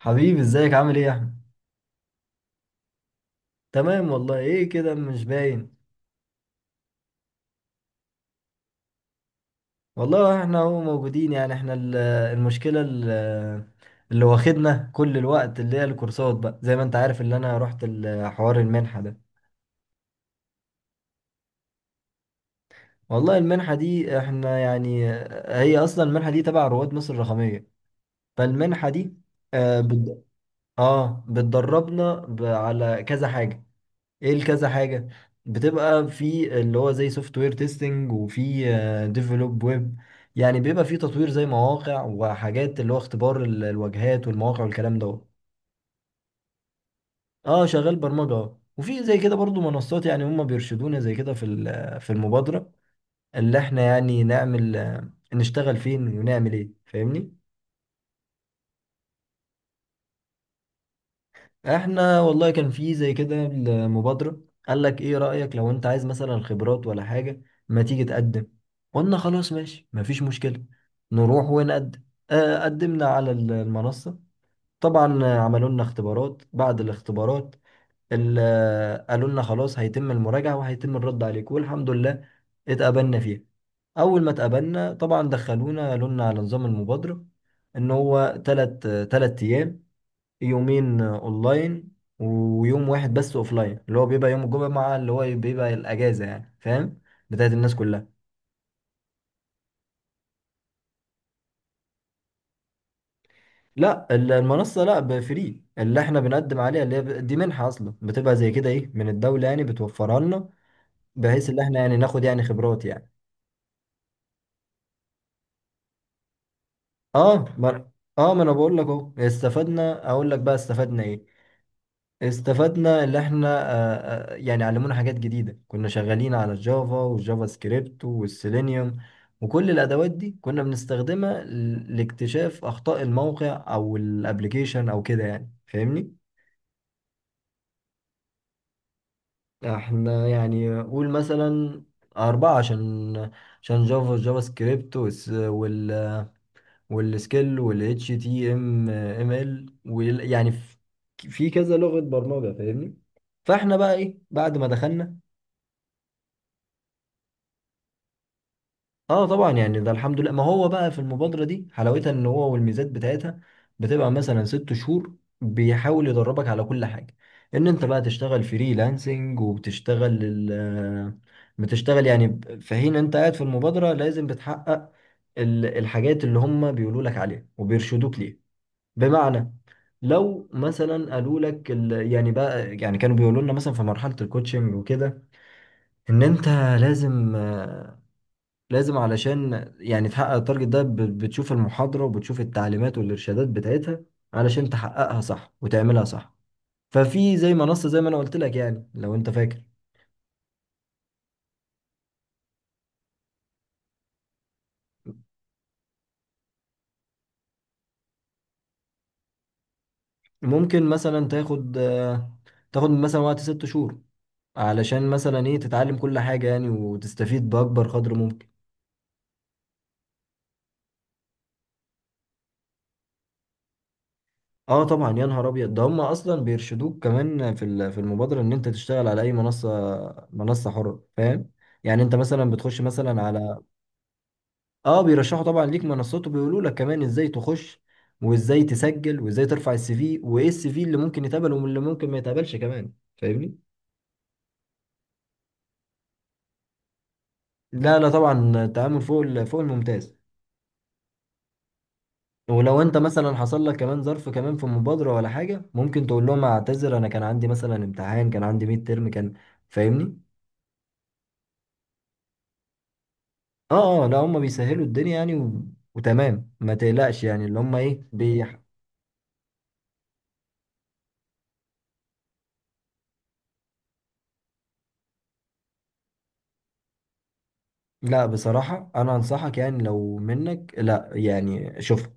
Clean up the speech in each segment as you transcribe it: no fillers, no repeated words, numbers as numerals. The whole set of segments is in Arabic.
حبيبي ازيك عامل ايه يا احمد؟ تمام والله. ايه كده مش باين؟ والله احنا اهو موجودين، يعني احنا المشكله اللي واخدنا كل الوقت اللي هي الكورسات، بقى زي ما انت عارف اللي انا رحت حوار المنحه ده. والله المنحه دي احنا يعني، هي اصلا المنحه دي تبع رواد مصر الرقميه. فالمنحه دي اه بت- بتدربنا على كذا حاجه. ايه الكذا حاجة؟ بتبقى في اللي هو زي سوفت وير تيستنج، وفي ديفلوب ويب، يعني بيبقى في تطوير زي مواقع وحاجات، اللي هو اختبار الواجهات والمواقع والكلام ده. اه شغال برمجة آه. وفي زي كده برضو منصات، يعني هم بيرشدونا زي كده في في المبادرة اللي احنا يعني نعمل نشتغل فين ونعمل ايه، فاهمني. احنا والله كان في زي كده المبادرة، قال لك ايه رأيك لو انت عايز مثلا خبرات ولا حاجة، ما تيجي تقدم. قلنا خلاص ماشي، مفيش مشكلة، نروح ونقدم. قدمنا على المنصة. طبعا عملوا لنا اختبارات بعد الاختبارات. قالوا لنا خلاص هيتم المراجعة وهيتم الرد عليك، والحمد لله اتقبلنا فيها. اول ما اتقبلنا طبعا دخلونا قالوا لنا على نظام المبادرة، ان هو تلت ايام، يومين اونلاين ويوم واحد بس اوفلاين، اللي هو بيبقى يوم الجمعة اللي هو بيبقى الاجازة، يعني فاهم، بتاعت الناس كلها. لا المنصة لا، فري، اللي احنا بنقدم عليها اللي هي دي منحة اصلا، بتبقى زي كده ايه، من الدولة يعني بتوفرها لنا، بحيث ان احنا يعني ناخد يعني خبرات يعني. اه ما اه ما انا بقول لك اهو استفدنا، اقول لك بقى استفدنا ايه. استفدنا اللي احنا يعني علمونا حاجات جديدة. كنا شغالين على الجافا والجافا سكريبت والسيلينيوم، وكل الأدوات دي كنا بنستخدمها لاكتشاف أخطاء الموقع أو الابليكيشن أو كده، يعني فاهمني؟ احنا يعني قول مثلا أربعة، عشان جافا، جافا سكريبت، والسكيل، وال HTML يعني في، في كذا لغة برمجة، فاهمني؟ فاحنا بقى ايه بعد ما دخلنا. اه طبعا يعني ده الحمد لله، ما هو بقى في المبادرة دي حلاوتها ان هو والميزات بتاعتها بتبقى مثلا ست شهور بيحاول يدربك على كل حاجة، ان انت بقى تشتغل فريلانسنج، وبتشتغل ال بتشتغل يعني في حين انت قاعد في المبادرة لازم بتحقق الحاجات اللي هم بيقولوا لك عليها وبيرشدوك ليها. بمعنى لو مثلا قالوا لك يعني بقى، يعني كانوا بيقولوا لنا مثلا في مرحلة الكوتشنج وكده، ان انت لازم لازم علشان يعني تحقق التارجت ده، بتشوف المحاضرة وبتشوف التعليمات والإرشادات بتاعتها علشان تحققها صح وتعملها صح. ففي زي منصة زي ما أنا قلت لك، يعني لو أنت فاكر. ممكن مثلا تاخد مثلا وقت ست شهور علشان مثلا إيه تتعلم كل حاجة، يعني وتستفيد بأكبر قدر ممكن. اه طبعا يا نهار ابيض، ده هم اصلا بيرشدوك كمان في في المبادره ان انت تشتغل على اي منصه، منصه حره، فاهم؟ يعني انت مثلا بتخش مثلا على. اه بيرشحوا طبعا ليك منصات، وبيقولوا لك كمان ازاي تخش وازاي تسجل وازاي ترفع السي في، وايه السي في اللي ممكن يتقبل واللي ممكن ما يتقبلش كمان، فاهمني. لا لا طبعا التعامل فوق فوق الممتاز. ولو انت مثلا حصل لك كمان ظرف كمان في مبادرة ولا حاجة، ممكن تقول لهم اعتذر، انا كان عندي مثلا امتحان، كان عندي ميد ترم، كان، فاهمني. اه اه لا هم بيسهلوا الدنيا يعني و... وتمام ما تقلقش، يعني اللي هم ايه بيح... لا بصراحة انا انصحك، يعني لو منك لا، يعني شوف،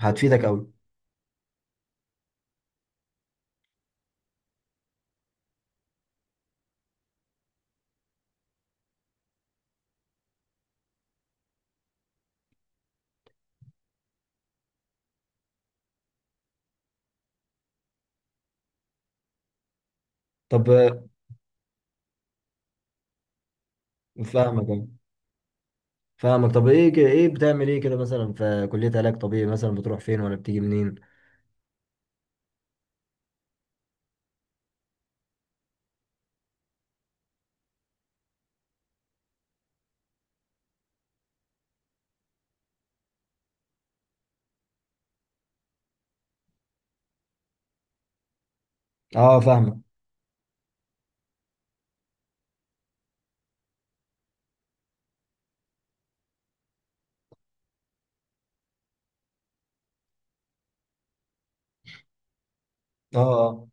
هتفيدك قوي. طب فاهمك أهو. فاهمك. طب ايه ايه بتعمل ايه كده مثلا في كلية علاج طبيعي، مثلا بتروح فين ولا بتيجي منين؟ اه فاهمك اه اه.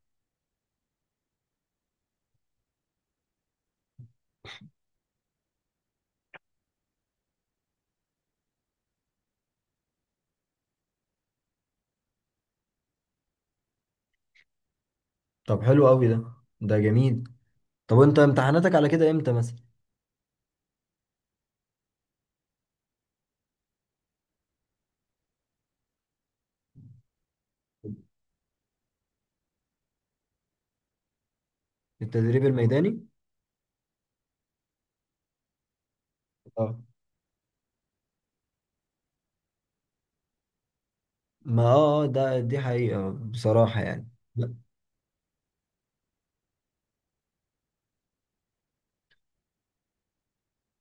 طب حلو قوي ده، ده جميل. طب وانت امتحاناتك على كده امتى مثلا؟ التدريب الميداني. اه ما اه آه، ده دي حقيقة بصراحة يعني. لا.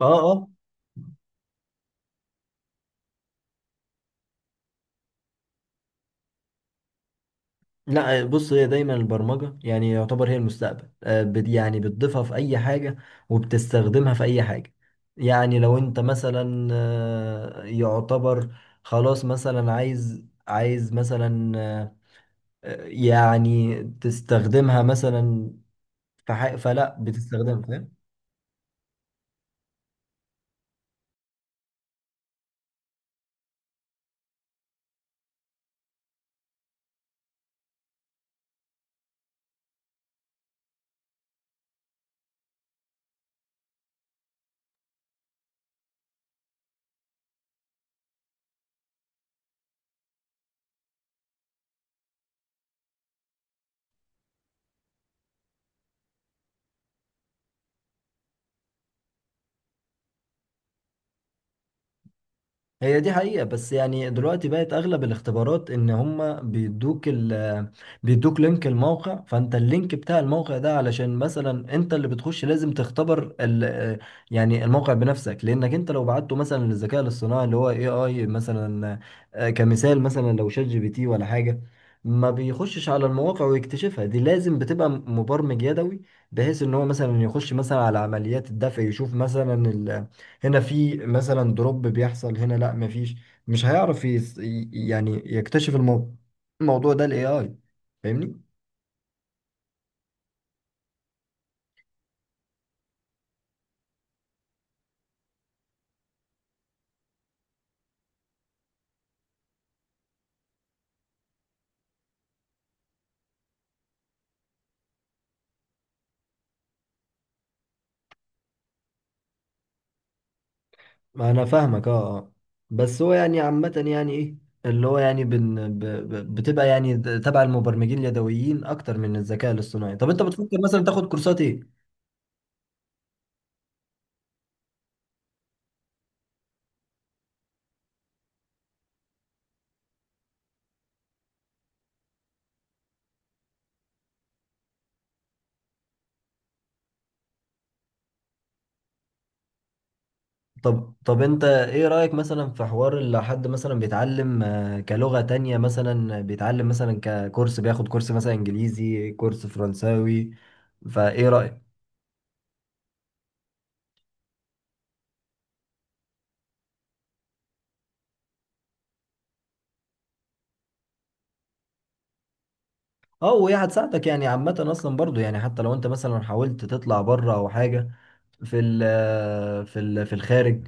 اه اه. لا بص، هي دايما البرمجة يعني يعتبر هي المستقبل، يعني بتضيفها في أي حاجة وبتستخدمها في أي حاجة. يعني لو أنت مثلا يعتبر خلاص مثلا عايز مثلا يعني تستخدمها مثلا في حاجة، فلا بتستخدمها، فاهم. هي دي حقيقة، بس يعني دلوقتي بقت أغلب الاختبارات إن هما بيدوك لينك الموقع، فأنت اللينك بتاع الموقع ده علشان مثلا أنت اللي بتخش لازم تختبر ال، يعني الموقع بنفسك، لأنك أنت لو بعته مثلا للذكاء الاصطناعي اللي هو AI مثلا، كمثال مثلا لو شات جي بي تي ولا حاجة، ما بيخشش على المواقع ويكتشفها. دي لازم بتبقى مبرمج يدوي، بحيث إن هو مثلا يخش مثلا على عمليات الدفع، يشوف مثلا هنا في مثلا دروب بيحصل، هنا لا مفيش. مش هيعرف يعني يكتشف الموضوع ده الاي اي، فاهمني. ما انا فاهمك اه اه. بس هو يعني عامة يعني ايه، اللي هو يعني بن ب ب بتبقى يعني تبع المبرمجين اليدويين اكتر من الذكاء الاصطناعي. طب انت بتفكر مثلا تاخد كورسات ايه؟ طب انت ايه رأيك مثلا في حوار اللي حد مثلا بيتعلم كلغة تانية، مثلا بيتعلم مثلا ككورس، بياخد كورس مثلا انجليزي، كورس فرنساوي، فايه رأيك؟ اه وهي هتساعدك يعني عامة اصلا برضو، يعني حتى لو انت مثلا حاولت تطلع بره او حاجة، في ال، في ال، في الخارج،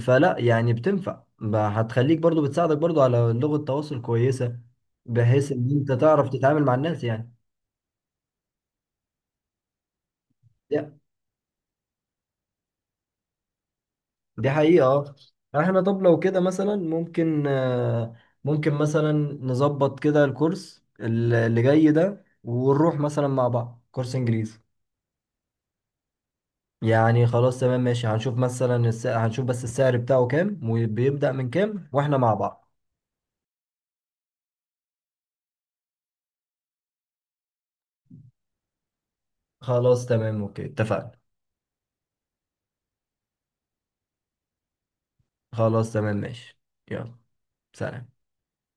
فلا يعني بتنفع، هتخليك برضو بتساعدك برضو على لغة تواصل كويسة، بحيث ان انت تعرف تتعامل مع الناس يعني. دي حقيقة اه. يعني احنا، طب لو كده مثلا ممكن ممكن مثلا نظبط كده الكورس اللي جاي ده، ونروح مثلا مع بعض كورس انجليزي. يعني خلاص تمام ماشي، هنشوف مثلا السعر، هنشوف بس السعر بتاعه كام وبيبدأ من كام، واحنا مع بعض. خلاص تمام اوكي اتفقنا. خلاص تمام ماشي. يلا سلام.